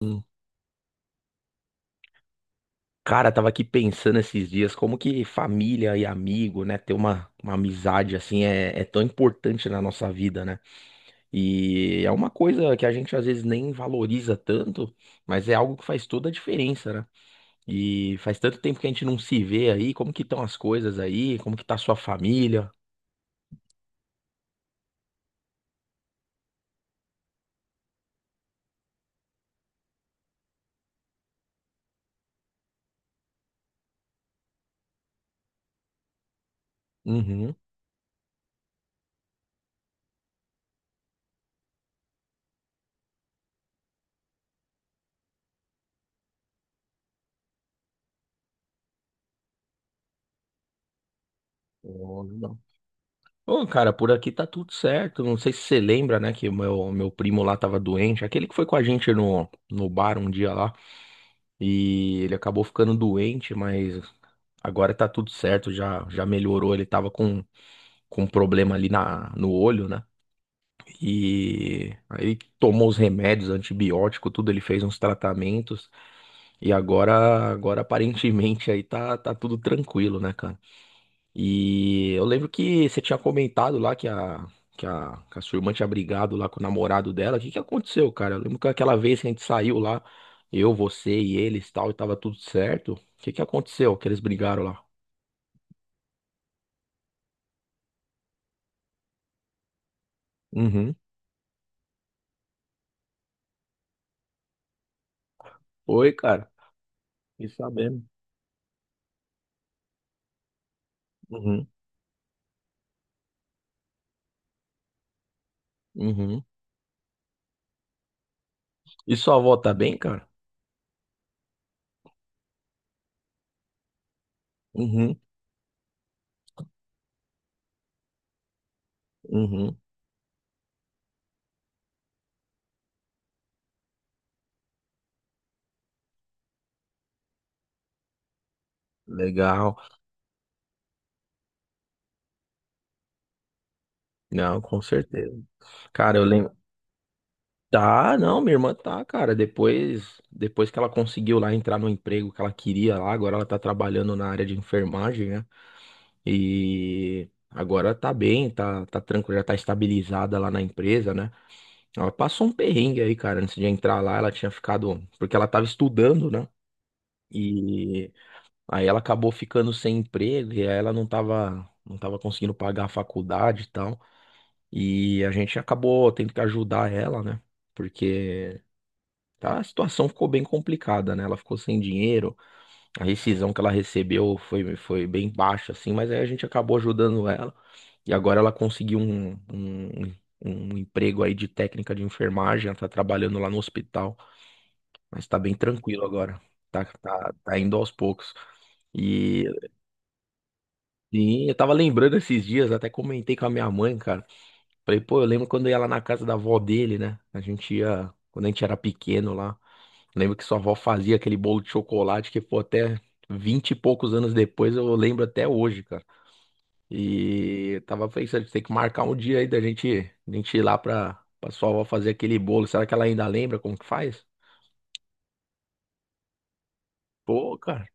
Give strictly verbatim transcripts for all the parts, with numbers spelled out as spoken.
Hum, Cara, tava aqui pensando esses dias como que família e amigo, né, ter uma, uma amizade assim é, é tão importante na nossa vida, né? E é uma coisa que a gente às vezes nem valoriza tanto, mas é algo que faz toda a diferença, né? E faz tanto tempo que a gente não se vê aí, como que estão as coisas aí, como que tá a sua família? Uhum. Oh, legal. Ô, cara, por aqui tá tudo certo. Não sei se você lembra, né, que o meu, meu primo lá tava doente, aquele que foi com a gente no, no bar um dia lá. E ele acabou ficando doente, mas agora tá tudo certo, já, já melhorou. Ele tava com, com um problema ali na, no olho, né? E aí tomou os remédios, antibiótico, tudo, ele fez uns tratamentos. E agora, agora aparentemente aí tá, tá tudo tranquilo, né, cara? E eu lembro que você tinha comentado lá que a, que a, que a sua irmã tinha brigado lá com o namorado dela. O que que aconteceu, cara? Eu lembro que aquela vez que a gente saiu lá, eu, você e eles e tal, e tava tudo certo. O que que aconteceu que eles brigaram lá? Uhum. Oi, cara. E sabendo. Uhum. Uhum. E sua avó tá bem, cara? Uhum. Uhum. Legal. Não, com certeza. Cara, eu lembro. Tá, não, minha irmã tá, cara. Depois, depois que ela conseguiu lá entrar no emprego que ela queria lá, agora ela tá trabalhando na área de enfermagem, né? E agora tá bem, tá, tá tranquila, já tá estabilizada lá na empresa, né? Ela passou um perrengue aí, cara, antes de entrar lá, ela tinha ficado, porque ela tava estudando, né? E aí ela acabou ficando sem emprego e aí ela não tava, não tava conseguindo pagar a faculdade e tal. E a gente acabou tendo que ajudar ela, né? Porque tá? A situação ficou bem complicada, né? Ela ficou sem dinheiro, a rescisão que ela recebeu foi, foi bem baixa, assim, mas aí a gente acabou ajudando ela. E agora ela conseguiu um, um, um emprego aí de técnica de enfermagem, ela tá trabalhando lá no hospital, mas tá bem tranquilo agora, tá, tá, tá indo aos poucos. E sim, eu tava lembrando esses dias, até comentei com a minha mãe, cara. Falei, pô, eu lembro quando eu ia lá na casa da avó dele, né? A gente ia, quando a gente era pequeno lá. Lembro que sua avó fazia aquele bolo de chocolate que, pô, até vinte e poucos anos depois eu lembro até hoje, cara. E eu tava pensando, tem que marcar um dia aí da gente, da gente ir lá pra, pra sua avó fazer aquele bolo. Será que ela ainda lembra como que faz? Pô, cara,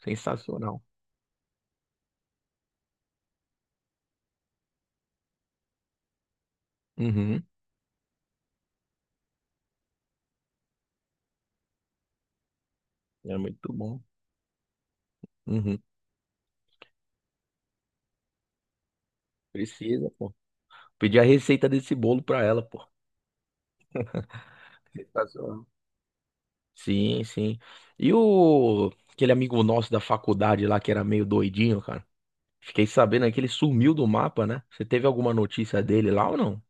sensacional. Uhum, é muito bom. Uhum, precisa, pô. Pedir a receita desse bolo pra ela, pô. Sensacional. Sim, sim. E o aquele amigo nosso da faculdade lá que era meio doidinho, cara? Fiquei sabendo aí que ele sumiu do mapa, né? Você teve alguma notícia dele lá ou não?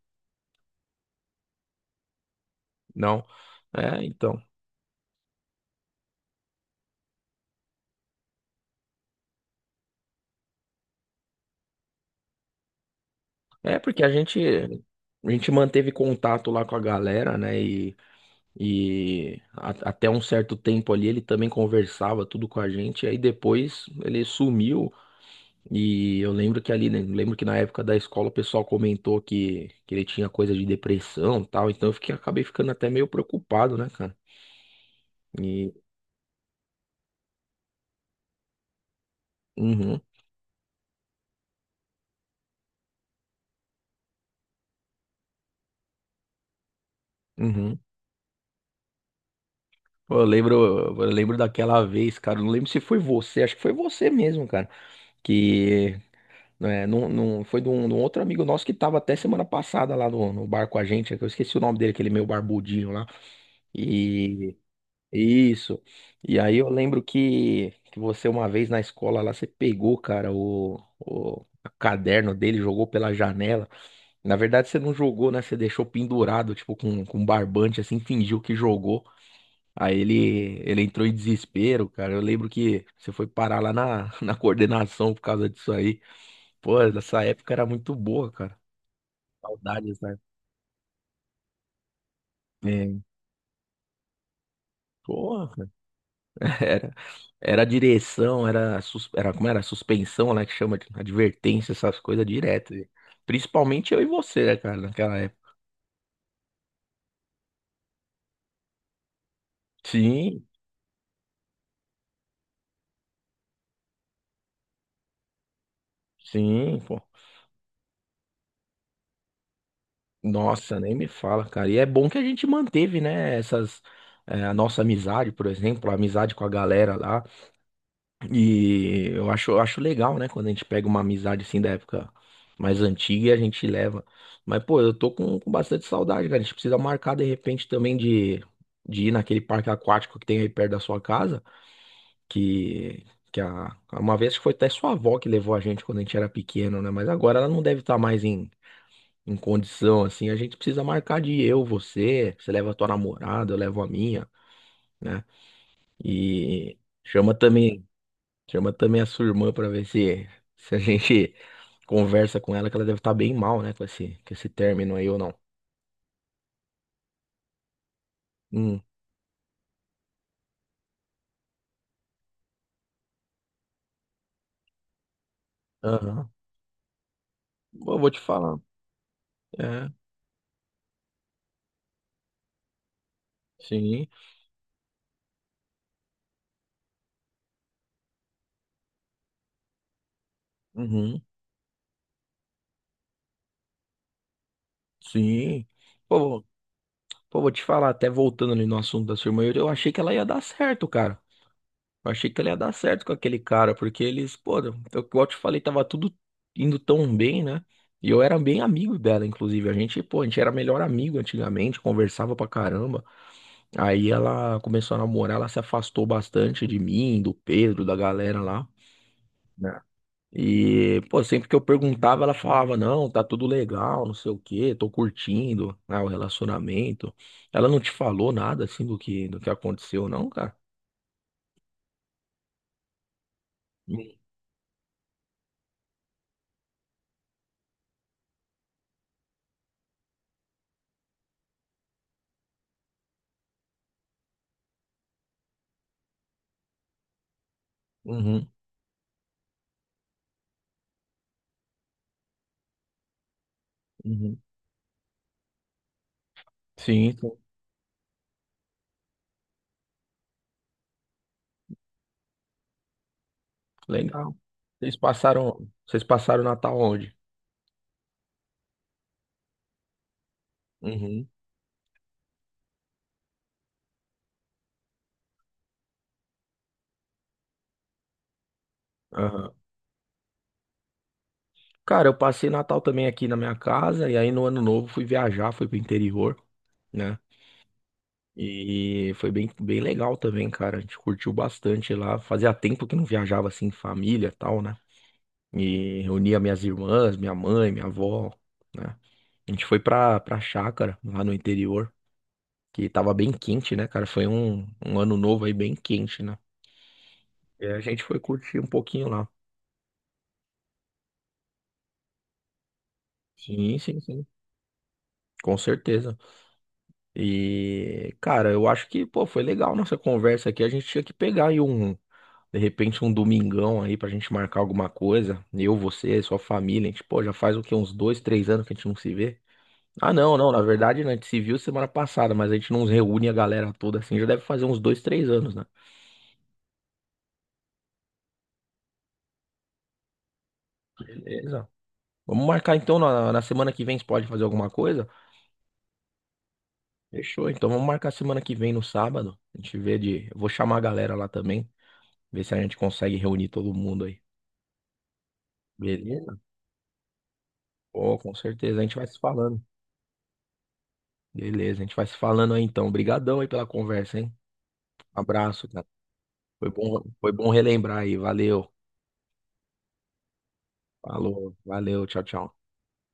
Não. É, então. É porque a gente a gente manteve contato lá com a galera, né? E e a- até um certo tempo ali ele também conversava tudo com a gente. E aí depois ele sumiu. E eu lembro que ali, né? Lembro que na época da escola o pessoal comentou que, que ele tinha coisa de depressão e tal. Então eu fiquei, acabei ficando até meio preocupado, né, cara? E. Uhum, uhum. Pô, eu lembro, eu lembro daquela vez, cara. Eu Não lembro se foi você, acho que foi você mesmo, cara. Que é, não, não, foi de um, de um outro amigo nosso que tava até semana passada lá no, no bar com a gente. Que Eu esqueci o nome dele, aquele meio barbudinho lá. E isso. E aí eu lembro que, que você, uma vez na escola lá, você pegou, cara, o, o caderno dele, jogou pela janela. Na verdade, você não jogou, né? Você deixou pendurado, tipo, com, com barbante, assim, fingiu que jogou. Aí ele, ele entrou em desespero, cara. Eu lembro que você foi parar lá na, na coordenação por causa disso aí. Pô, essa época era muito boa, cara. Saudades, né? É. Porra, era, era direção, era, sus- era, como era? Suspensão, né? Que chama de advertência, essas coisas direto. E principalmente eu e você, né, cara, naquela época. Sim, sim, pô. Nossa, nem me fala, cara. E é bom que a gente manteve, né, essas, eh, a nossa amizade, por exemplo, a amizade com a galera lá. E eu acho, eu acho legal, né? Quando a gente pega uma amizade assim da época mais antiga e a gente leva. Mas, pô, eu tô com, com bastante saudade, cara. A gente precisa marcar de repente também de, de ir naquele parque aquático que tem aí perto da sua casa. Que, que a, uma vez que foi até sua avó que levou a gente quando a gente era pequeno, né? Mas agora ela não deve estar mais em, em condição, assim. A gente precisa marcar de ir, eu, você. Você leva a tua namorada, eu levo a minha, né? E chama também. Chama também a sua irmã pra ver se, se a gente conversa com ela, que ela deve estar bem mal, né, com esse, com esse término aí ou não. Hum, aham. Pô, vou te falar. É, sim. Uhum, sim. Pô, pô, vou te falar, até voltando ali no assunto da sua irmã, eu, eu achei que ela ia dar certo, cara. Eu achei que ela ia dar certo com aquele cara, porque eles, pô, eu, igual eu te falei, tava tudo indo tão bem, né? E eu era bem amigo dela, inclusive. A gente, pô, a gente era melhor amigo antigamente, conversava pra caramba. Aí ela começou a namorar, ela se afastou bastante de mim, do Pedro, da galera lá. Né? E, pô, sempre que eu perguntava, ela falava, não, tá tudo legal, não sei o quê, tô curtindo, né, o relacionamento. Ela não te falou nada, assim, do que, do que aconteceu, não, cara? Hum, Uhum, uhum. Sim, sim. Legal. Vocês passaram, vocês passaram Natal onde? Uhum. Aham. Cara, eu passei Natal também aqui na minha casa, e aí no Ano Novo fui viajar, fui pro interior, né? E foi bem, bem legal também, cara. A gente curtiu bastante lá. Fazia tempo que não viajava assim, em família e tal, né? E reunia minhas irmãs, minha mãe, minha avó, né? A gente foi pra, pra chácara, lá no interior, que tava bem quente, né, cara? Foi um, um ano novo aí bem quente, né? E a gente foi curtir um pouquinho lá. Sim, sim, sim. Com certeza. E, cara, eu acho que, pô, foi legal nossa conversa aqui. A gente tinha que pegar aí um De repente, um domingão aí pra gente marcar alguma coisa. Eu, você, sua família. A gente, pô, já faz o quê? Uns dois, três anos que a gente não se vê. Ah, não, não. Na verdade, né, a gente se viu semana passada, mas a gente não reúne a galera toda assim. Já deve fazer uns dois, três anos, né? Beleza. Vamos marcar então na, na semana que vem. Você pode fazer alguma coisa? Fechou. Então vamos marcar semana que vem no sábado. A gente vê de. Eu vou chamar a galera lá também. Ver se a gente consegue reunir todo mundo aí. Beleza? Pô, com certeza. A gente vai se falando. Beleza, a gente vai se falando aí então. Obrigadão aí pela conversa, hein? Abraço, cara. Foi bom, foi bom relembrar aí. Valeu. Falou. Valeu. Tchau, tchau.